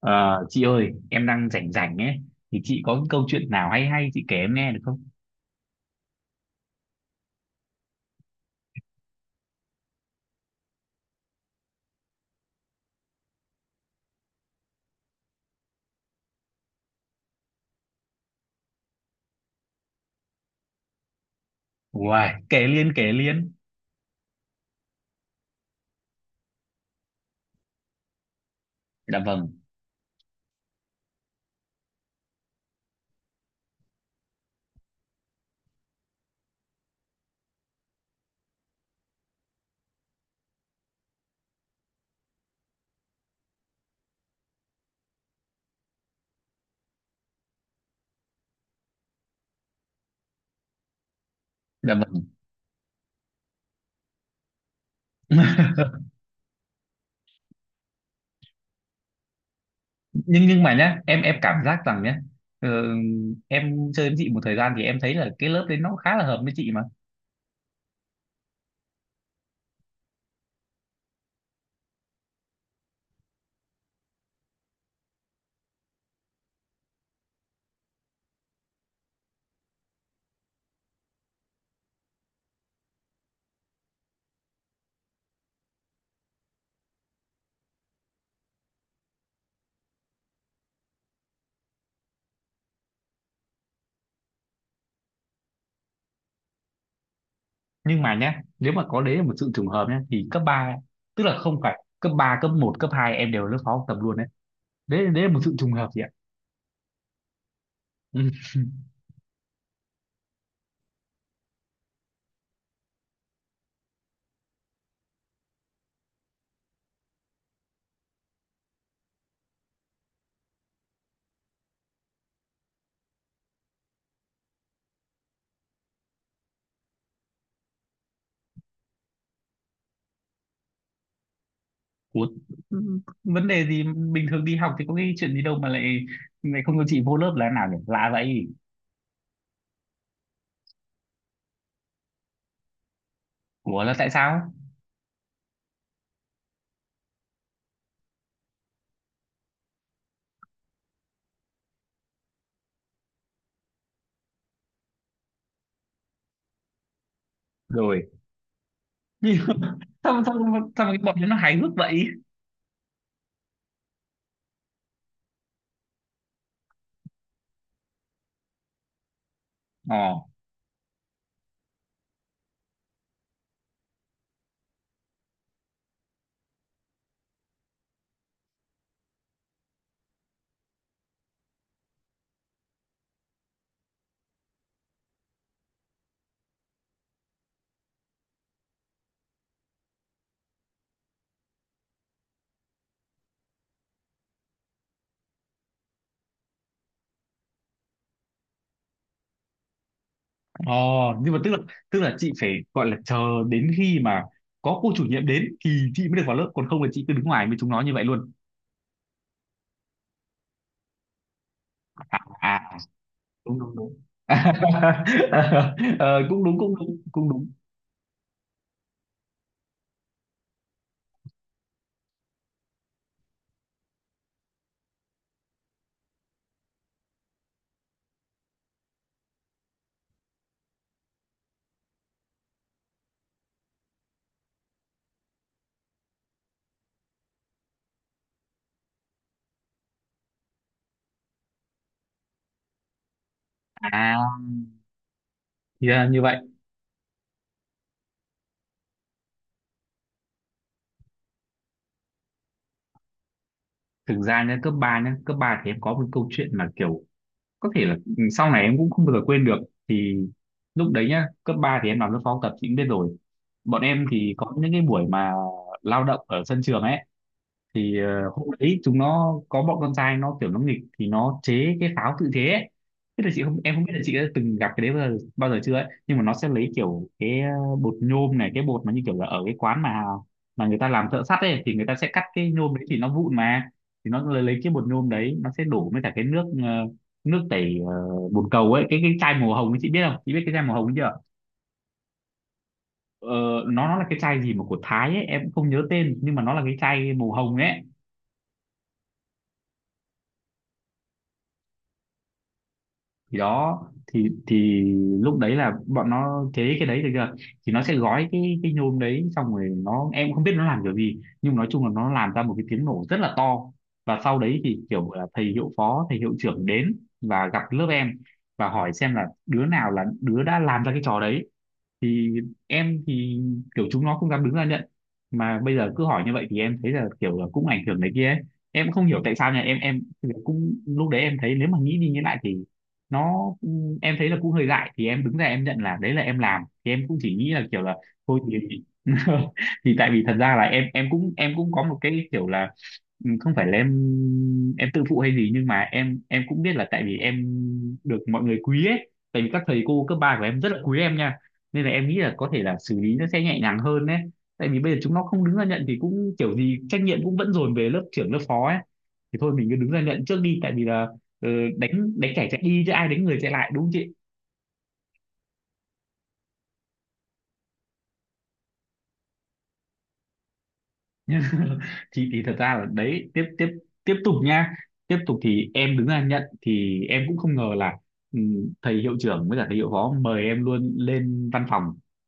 Ờ, chị ơi, em đang rảnh rảnh ấy, thì chị có cái câu chuyện nào hay hay chị kể em nghe được không? Uầy, kể liên. Dạ vâng, dạ vâng. Nhưng mà nhá, em cảm giác rằng nhá, ờ, em chơi với chị một thời gian thì em thấy là cái lớp đấy nó khá là hợp với chị mà. Nhưng mà nhá, nếu mà có đấy là một sự trùng hợp nhá, thì cấp 3 tức là không phải cấp 3 cấp một cấp 2 em đều ở lớp phó học tập luôn đấy. Đấy, đấy là một sự trùng hợp chị ạ. Ừ. Ủa, ừ, vấn đề gì? Bình thường đi học thì có cái chuyện gì đâu mà lại lại không cho chị vô lớp là thế nào nhỉ, lạ vậy. Ủa, là tại sao? Rồi. sao sao sao mà cái bọn nó hài hước vậy? Ờ. Ờ, nhưng mà tức là, tức là chị phải gọi là chờ đến khi mà có cô chủ nhiệm đến thì chị mới được vào lớp, còn không là chị cứ đứng ngoài với chúng nó như vậy luôn. À, đúng đúng đúng Cũng đúng. À, thì ra là như vậy. Thực ra nhá, cấp 3 nhá, cấp 3 thì em có một câu chuyện mà kiểu có thể là sau này em cũng không bao giờ quên được. Thì lúc đấy nhá, cấp 3 thì em làm lớp phó học tập chị cũng biết rồi. Bọn em thì có những cái buổi mà lao động ở sân trường ấy, thì hôm đấy chúng nó có bọn con trai nó kiểu nó nghịch thì nó chế cái pháo tự chế ấy. Thế là chị không, em không biết là chị đã từng gặp cái đấy bao giờ chưa ấy, nhưng mà nó sẽ lấy kiểu cái bột nhôm này, cái bột mà như kiểu là ở cái quán mà người ta làm thợ sắt ấy, thì người ta sẽ cắt cái nhôm đấy thì nó vụn mà, thì nó lấy cái bột nhôm đấy, nó sẽ đổ với cả cái nước nước tẩy bồn cầu ấy, cái chai màu hồng ấy, chị biết không, chị biết cái chai màu hồng ấy chưa? ờ, nó là cái chai gì mà của Thái ấy, em cũng không nhớ tên nhưng mà nó là cái chai màu hồng ấy. Thì đó, thì lúc đấy là bọn nó chế cái đấy được chưa, thì nó sẽ gói cái nhôm đấy, xong rồi nó, em cũng không biết nó làm kiểu gì nhưng nói chung là nó làm ra một cái tiếng nổ rất là to. Và sau đấy thì kiểu là thầy hiệu phó, thầy hiệu trưởng đến và gặp lớp em và hỏi xem là đứa nào là đứa đã làm ra cái trò đấy. Thì em thì kiểu chúng nó không dám đứng ra nhận, mà bây giờ cứ hỏi như vậy thì em thấy là kiểu là cũng ảnh hưởng này kia ấy. Em cũng không hiểu tại sao nha, em cũng lúc đấy em thấy nếu mà nghĩ đi nghĩ lại thì nó, em thấy là cũng hơi dại, thì em đứng ra em nhận là đấy là em làm, thì em cũng chỉ nghĩ là kiểu là thôi thì. Thì tại vì thật ra là em cũng em cũng có một cái kiểu là không phải là em tự phụ hay gì nhưng mà em cũng biết là tại vì em được mọi người quý ấy, tại vì các thầy cô cấp ba của em rất là quý em nha, nên là em nghĩ là có thể là xử lý nó sẽ nhẹ nhàng hơn đấy. Tại vì bây giờ chúng nó không đứng ra nhận thì cũng kiểu gì trách nhiệm cũng vẫn dồn về lớp trưởng lớp phó ấy, thì thôi mình cứ đứng ra nhận trước đi. Tại vì là, ờ, đánh đánh kẻ chạy đi chứ ai đánh người chạy lại, đúng không chị? Thì thật ra là đấy, tiếp tiếp tiếp tục nha, tiếp tục thì em đứng ra nhận thì em cũng không ngờ là ừ, thầy hiệu trưởng với cả thầy hiệu phó mời em luôn lên văn phòng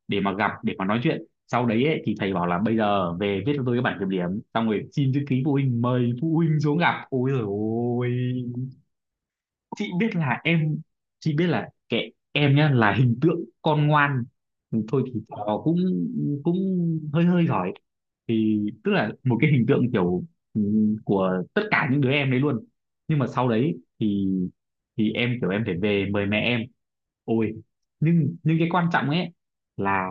để mà gặp, để mà nói chuyện sau đấy ấy. Thì thầy bảo là bây giờ về viết cho tôi cái bản kiểm điểm, xong rồi xin chữ ký phụ huynh, mời phụ huynh xuống gặp, ôi rồi ôi. Chị biết là em, chị biết là kệ em nhá, là hình tượng con ngoan, thôi thì trò cũng cũng hơi hơi giỏi, thì tức là một cái hình tượng kiểu ừ, của tất cả những đứa em đấy luôn. Nhưng mà sau đấy thì em kiểu em phải về mời mẹ em, ôi. Nhưng cái quan trọng ấy là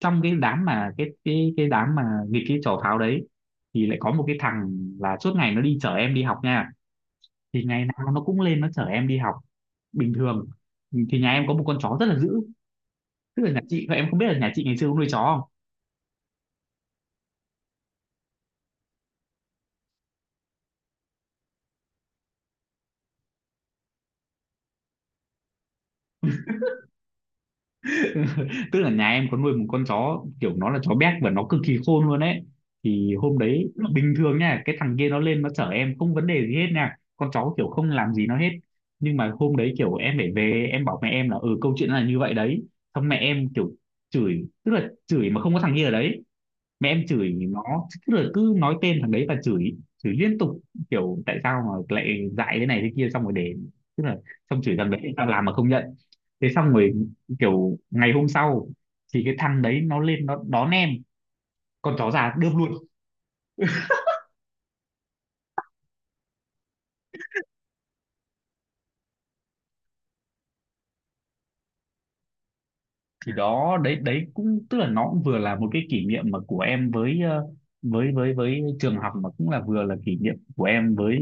trong cái đám mà cái đám mà nghịch cái trò pháo đấy thì lại có một cái thằng là suốt ngày nó đi chở em đi học nha, thì ngày nào nó cũng lên nó chở em đi học bình thường. Thì nhà em có một con chó rất là dữ, tức là nhà chị, em không biết là nhà chị ngày xưa có nuôi chó không. Tức là nhà em có nuôi một con chó kiểu nó là chó béc và nó cực kỳ khôn luôn ấy. Thì hôm đấy, bình thường nha cái thằng kia nó lên nó chở em không vấn đề gì hết nha, con chó kiểu không làm gì nó hết. Nhưng mà hôm đấy kiểu em phải về em bảo mẹ em là ừ câu chuyện là như vậy đấy, xong mẹ em kiểu chửi, tức là chửi mà không có thằng kia ở đấy, mẹ em chửi nó, tức là cứ nói tên thằng đấy và chửi, chửi liên tục, kiểu tại sao mà lại dại thế này thế kia. Xong rồi để, tức là xong chửi thằng đấy tại sao làm mà không nhận. Thế xong rồi kiểu ngày hôm sau thì cái thằng đấy nó lên nó đón em, con chó già đơm luôn. Thì đó, đấy đấy cũng tức là nó cũng vừa là một cái kỷ niệm mà của em với với với trường học, mà cũng là vừa là kỷ niệm của em với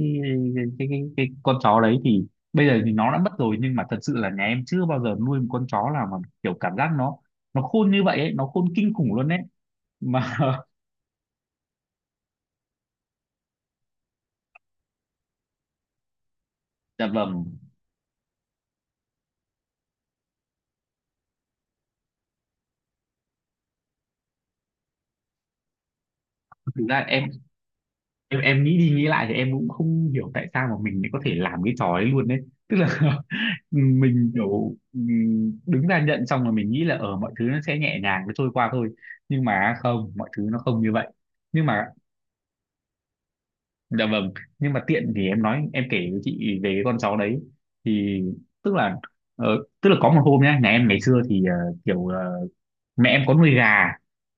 cái con chó đấy. Thì bây giờ thì nó đã mất rồi, nhưng mà thật sự là nhà em chưa bao giờ nuôi một con chó nào mà kiểu cảm giác nó khôn như vậy ấy, nó khôn kinh khủng luôn đấy mà. Dạ vâng. Thực ra em, em nghĩ đi nghĩ lại thì em cũng không hiểu tại sao mà mình lại có thể làm cái trò ấy luôn đấy, tức là mình kiểu đứng ra nhận xong rồi mình nghĩ là ở mọi thứ nó sẽ nhẹ nhàng, nó trôi qua thôi. Nhưng mà không, mọi thứ nó không như vậy. Nhưng mà dạ vâng, nhưng mà tiện thì em nói em kể với chị về cái con chó đấy. Thì tức là ờ, tức là có một hôm nhá, nhà em ngày xưa thì kiểu mẹ em có nuôi gà.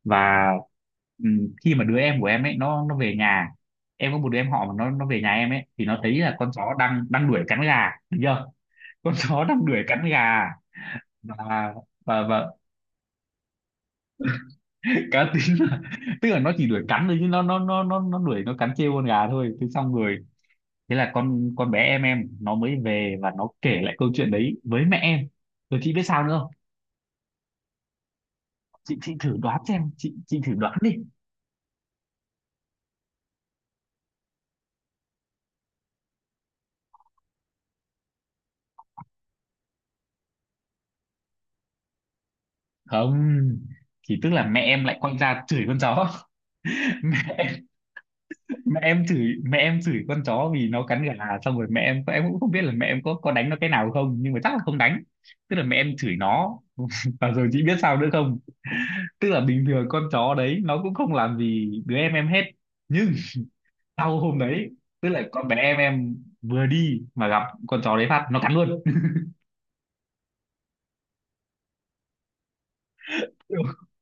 Và khi mà đứa em của em ấy nó về nhà, em có một đứa em họ mà nó về nhà em ấy, thì nó thấy là con chó đang đang đuổi cắn gà được chưa, con chó đang đuổi cắn gà. Và và cá tính là tức là nó chỉ đuổi cắn thôi chứ nó đuổi nó cắn trêu con gà thôi. Thế xong rồi, thế là con bé em nó mới về và nó kể lại câu chuyện đấy với mẹ em. Rồi chị biết sao nữa không? Chị thử đoán xem, chị thử đoán đi. Không, thì tức là mẹ em lại quay ra chửi con chó. Mẹ em, mẹ em chửi, mẹ em chửi con chó vì nó cắn gà. Xong rồi mẹ em cũng không biết là mẹ em có đánh nó cái nào không nhưng mà chắc là không đánh, tức là mẹ em chửi nó. Và rồi chị biết sao nữa không? Tức là bình thường con chó đấy nó cũng không làm gì đứa em hết, nhưng sau hôm đấy, tức là con bé em vừa đi mà gặp con chó đấy phát nó cắn luôn.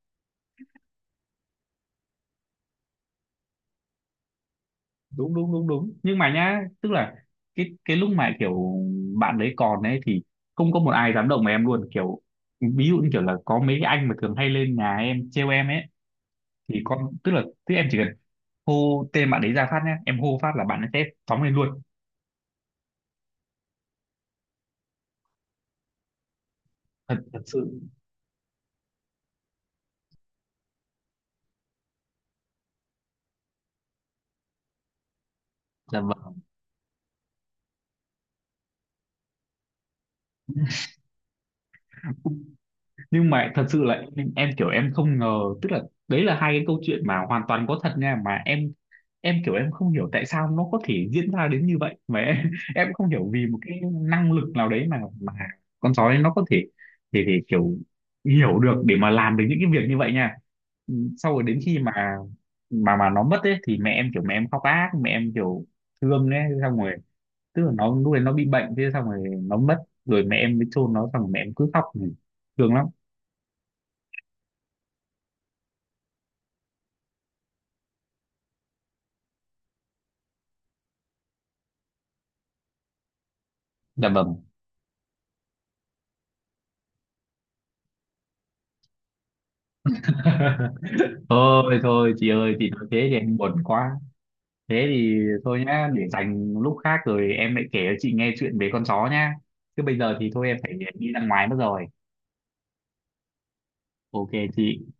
đúng đúng đúng đúng Nhưng mà nhá, tức là cái lúc mà kiểu bạn đấy còn ấy thì không có một ai dám động vào em luôn, kiểu ví dụ như kiểu là có mấy cái anh mà thường hay lên nhà em trêu em ấy, thì con, tức là tức em chỉ cần hô tên bạn đấy ra phát nhá, em hô phát là bạn ấy sẽ phóng lên luôn. Thật thật sự. Dạ vâng. Nhưng mà thật sự là em kiểu em không ngờ, tức là đấy là hai cái câu chuyện mà hoàn toàn có thật nha, mà em kiểu em không hiểu tại sao nó có thể diễn ra đến như vậy, mà em em không hiểu vì một cái năng lực nào đấy mà con sói nó có thể, thì kiểu hiểu được để mà làm được những cái việc như vậy nha. Sau rồi đến khi mà nó mất ấy thì mẹ em kiểu mẹ em khóc ác, mẹ em kiểu thương ấy, xong rồi, tức là nó lúc đấy nó bị bệnh, thế xong rồi nó mất, rồi mẹ em mới chôn nó xong rồi mẹ em cứ khóc, thương lắm. Dạ vâng. Thôi thôi chị ơi, chị nói thế thì em buồn quá, thế thì thôi nhá, để dành lúc khác rồi em lại kể cho chị nghe chuyện về con chó nhá. Chứ bây giờ thì thôi em phải đi ra ngoài mất rồi. Ok chị.